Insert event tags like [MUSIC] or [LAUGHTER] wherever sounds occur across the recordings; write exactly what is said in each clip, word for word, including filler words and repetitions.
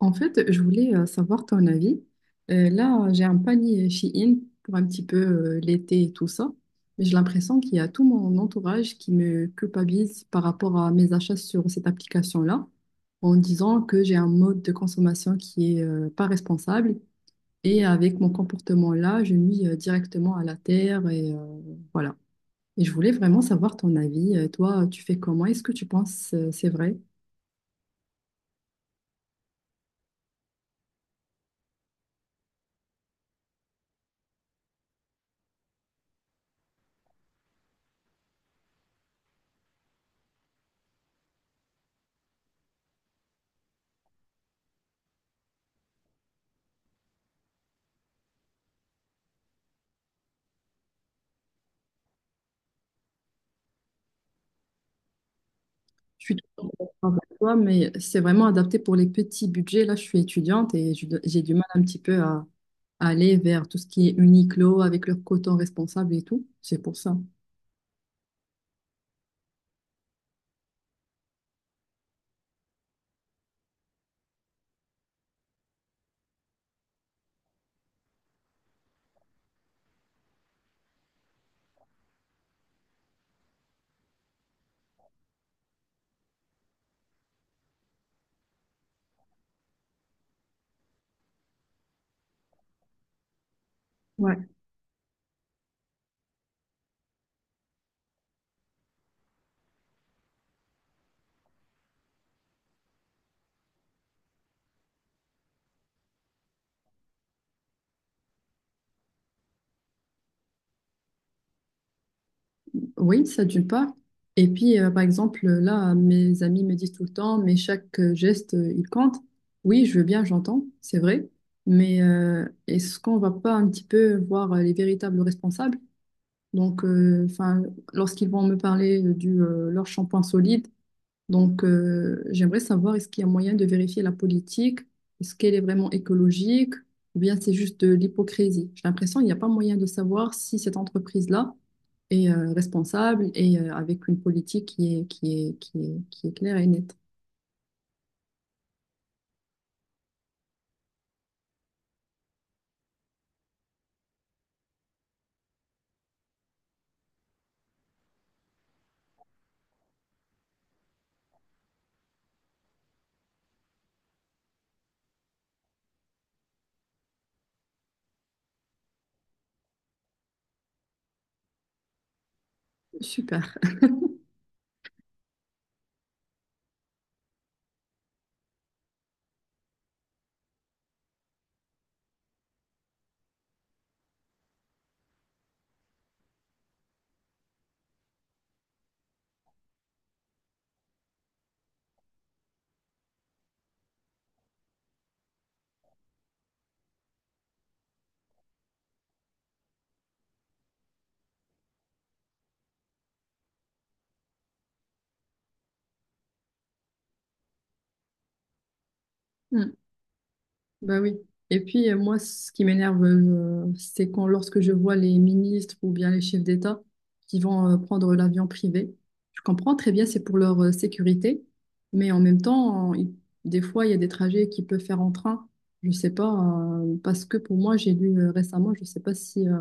En fait, je voulais euh, savoir ton avis. Euh, là, j'ai un panier Shein pour un petit peu euh, l'été et tout ça, mais j'ai l'impression qu'il y a tout mon entourage qui me culpabilise par rapport à mes achats sur cette application-là, en disant que j'ai un mode de consommation qui est euh, pas responsable et avec mon comportement-là, je nuis euh, directement à la terre et euh, voilà. Et je voulais vraiment savoir ton avis. Euh, Toi, tu fais comment? Est-ce que tu penses euh, c'est vrai? Je suis tout à fait d'accord avec toi, mais c'est vraiment adapté pour les petits budgets. Là, je suis étudiante et je do- j'ai du mal un petit peu à, à aller vers tout ce qui est Uniqlo avec leur coton responsable et tout. C'est pour ça. Ouais. Oui, ça d'une part. Et puis, euh, par exemple, là, mes amis me disent tout le temps, mais chaque euh, geste, euh, il compte. Oui, je veux bien, j'entends, c'est vrai. Mais euh, est-ce qu'on va pas un petit peu voir euh, les véritables responsables? Donc, euh, enfin, lorsqu'ils vont me parler euh, du euh, leur shampoing solide. Donc, euh, j'aimerais savoir, est-ce qu'il y a moyen de vérifier la politique? Est-ce qu'elle est vraiment écologique? Ou bien c'est juste de l'hypocrisie? J'ai l'impression qu'il n'y a pas moyen de savoir si cette entreprise-là est euh, responsable et euh, avec une politique qui est, qui est, qui est, qui est claire et nette. Super. Bah oui. Et puis, euh, moi, ce qui m'énerve, euh, c'est quand, lorsque je vois les ministres ou bien les chefs d'État qui vont euh, prendre l'avion privé. Je comprends très bien, c'est pour leur euh, sécurité, mais en même temps, il- des fois, il y a des trajets qu'ils peuvent faire en train. Je sais pas, euh, parce que pour moi, j'ai lu euh, récemment, je sais pas si euh,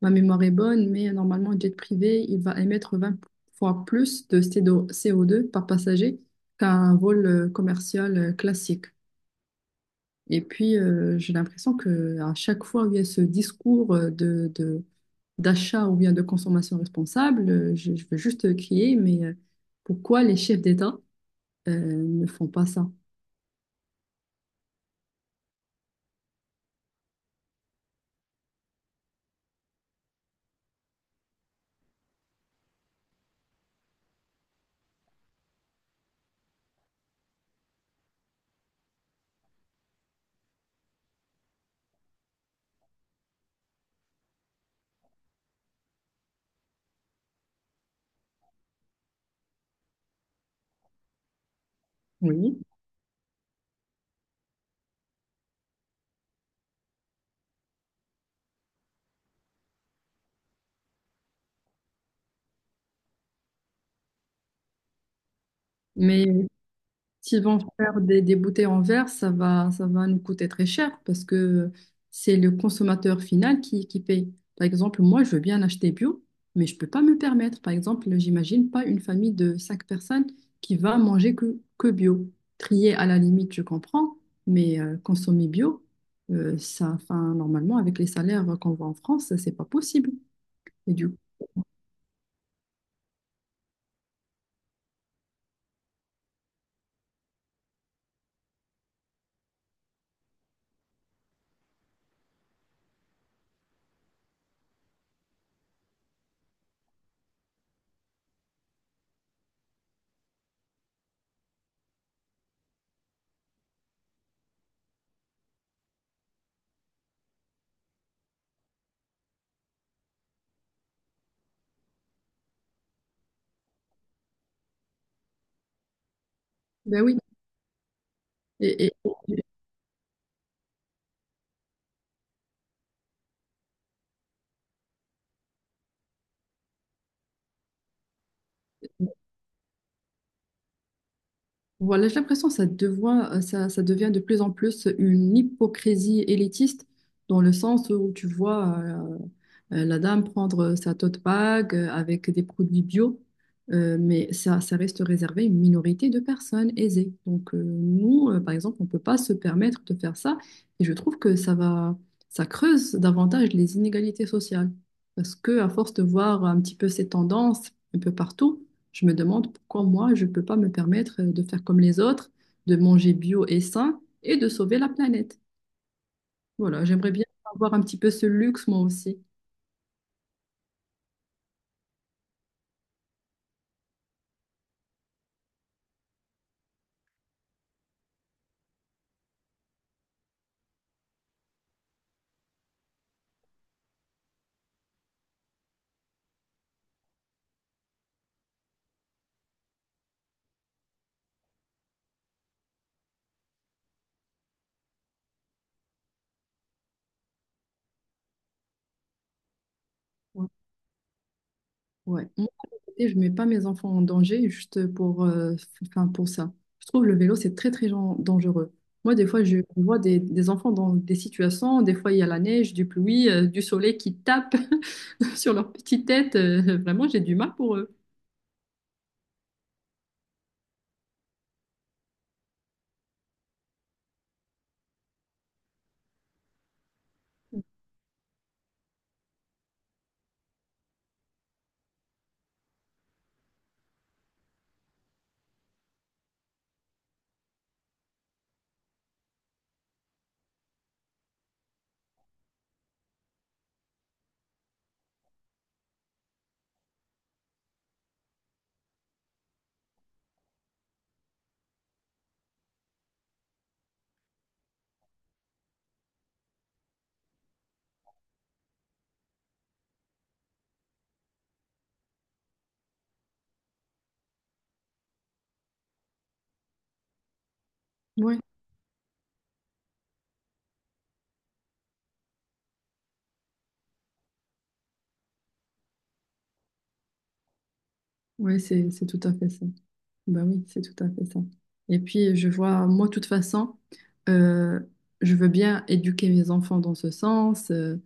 ma mémoire est bonne, mais euh, normalement, un jet privé, il va émettre vingt fois plus de cé o deux par passager qu'un vol euh, commercial euh, classique. Et puis, euh, j'ai l'impression que à chaque fois où il y a ce discours euh, de, de- d'achat ou bien de consommation responsable, euh, je, je veux juste crier, mais euh, pourquoi les chefs d'État euh, ne font pas ça? Oui. Mais s'ils vont faire des, des bouteilles en verre, ça va, ça va nous coûter très cher parce que c'est le consommateur final qui, qui paye. Par exemple, moi, je veux bien acheter bio, mais je ne peux pas me le permettre. Par exemple, j'imagine pas une famille de cinq personnes qui va manger que, que bio. Trier à la limite, je comprends, mais euh, consommer bio, euh, ça, enfin, normalement, avec les salaires qu'on voit en France, c'est pas possible. Et du coup, ben oui. Et, et- Voilà, j'ai l'impression que ça devient, ça, ça devient de plus en plus une hypocrisie élitiste, dans le sens où tu vois euh, euh, la dame prendre sa tote bag euh, avec des produits bio, euh, mais ça, ça reste réservé à une minorité de personnes aisées. Donc euh, nous, euh, par exemple, on ne peut pas se permettre de faire ça et je trouve que ça va, ça creuse davantage les inégalités sociales parce que à force de voir un petit peu ces tendances un peu partout, je me demande pourquoi moi, je ne peux pas me permettre euh, de faire comme les autres, de manger bio et sain et de sauver la planète. Voilà, j'aimerais bien avoir un petit peu ce luxe moi aussi. Ouais. Ouais. Moi, à côté, je ne mets pas mes enfants en danger juste pour, euh, enfin, pour ça. Je trouve le vélo, c'est très, très gen- dangereux. Moi, des fois, je vois des, des enfants dans des situations, des fois, il y a la neige, du pluie, euh, du soleil qui tape [LAUGHS] sur leur petite tête. Euh, vraiment, j'ai du mal pour eux. Ouais, ouais, c'est, c'est tout à fait ça. Bah oui, c'est tout à fait ça. Et puis, je vois, moi, de toute façon, euh, je veux bien éduquer mes enfants dans ce sens, euh,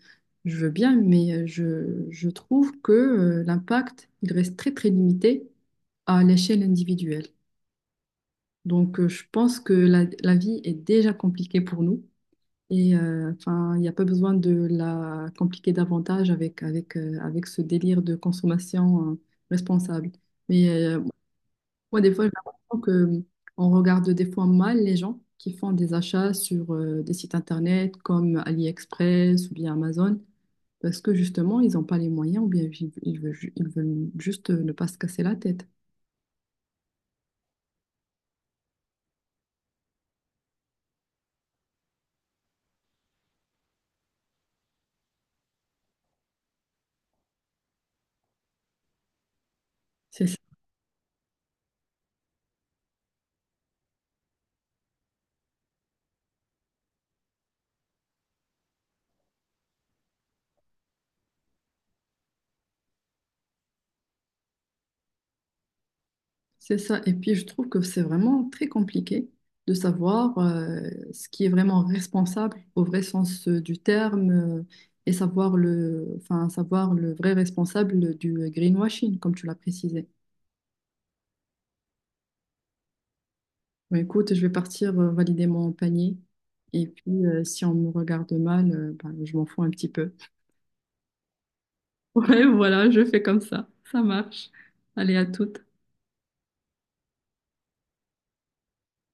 je veux bien, mais euh, je, je trouve que euh, l'impact, il reste très, très limité à l'échelle individuelle. Donc, euh, je pense que la, la vie est déjà compliquée pour nous. Et euh, enfin, il n'y a pas besoin de la compliquer davantage avec, avec, euh, avec ce délire de consommation euh, responsable. Mais euh, moi, des fois, j'ai l'impression que hum, on regarde des fois mal les gens qui font des achats sur euh, des sites internet comme AliExpress ou bien Amazon parce que justement, ils n'ont pas les moyens ou bien ils, ils veulent, ju- ils veulent juste euh, ne pas se casser la tête. C'est ça. C'est ça. Et puis, je trouve que c'est vraiment très compliqué de savoir euh, ce qui est vraiment responsable au vrai sens euh, du terme euh, et savoir le, enfin, savoir le vrai responsable du euh, greenwashing, comme tu l'as précisé. Bah, écoute, je vais partir euh, valider mon panier. Et puis, euh, si on me regarde mal, euh, bah, je m'en fous un petit peu. [LAUGHS] Ouais, voilà, je fais comme ça. Ça marche. Allez, à toutes.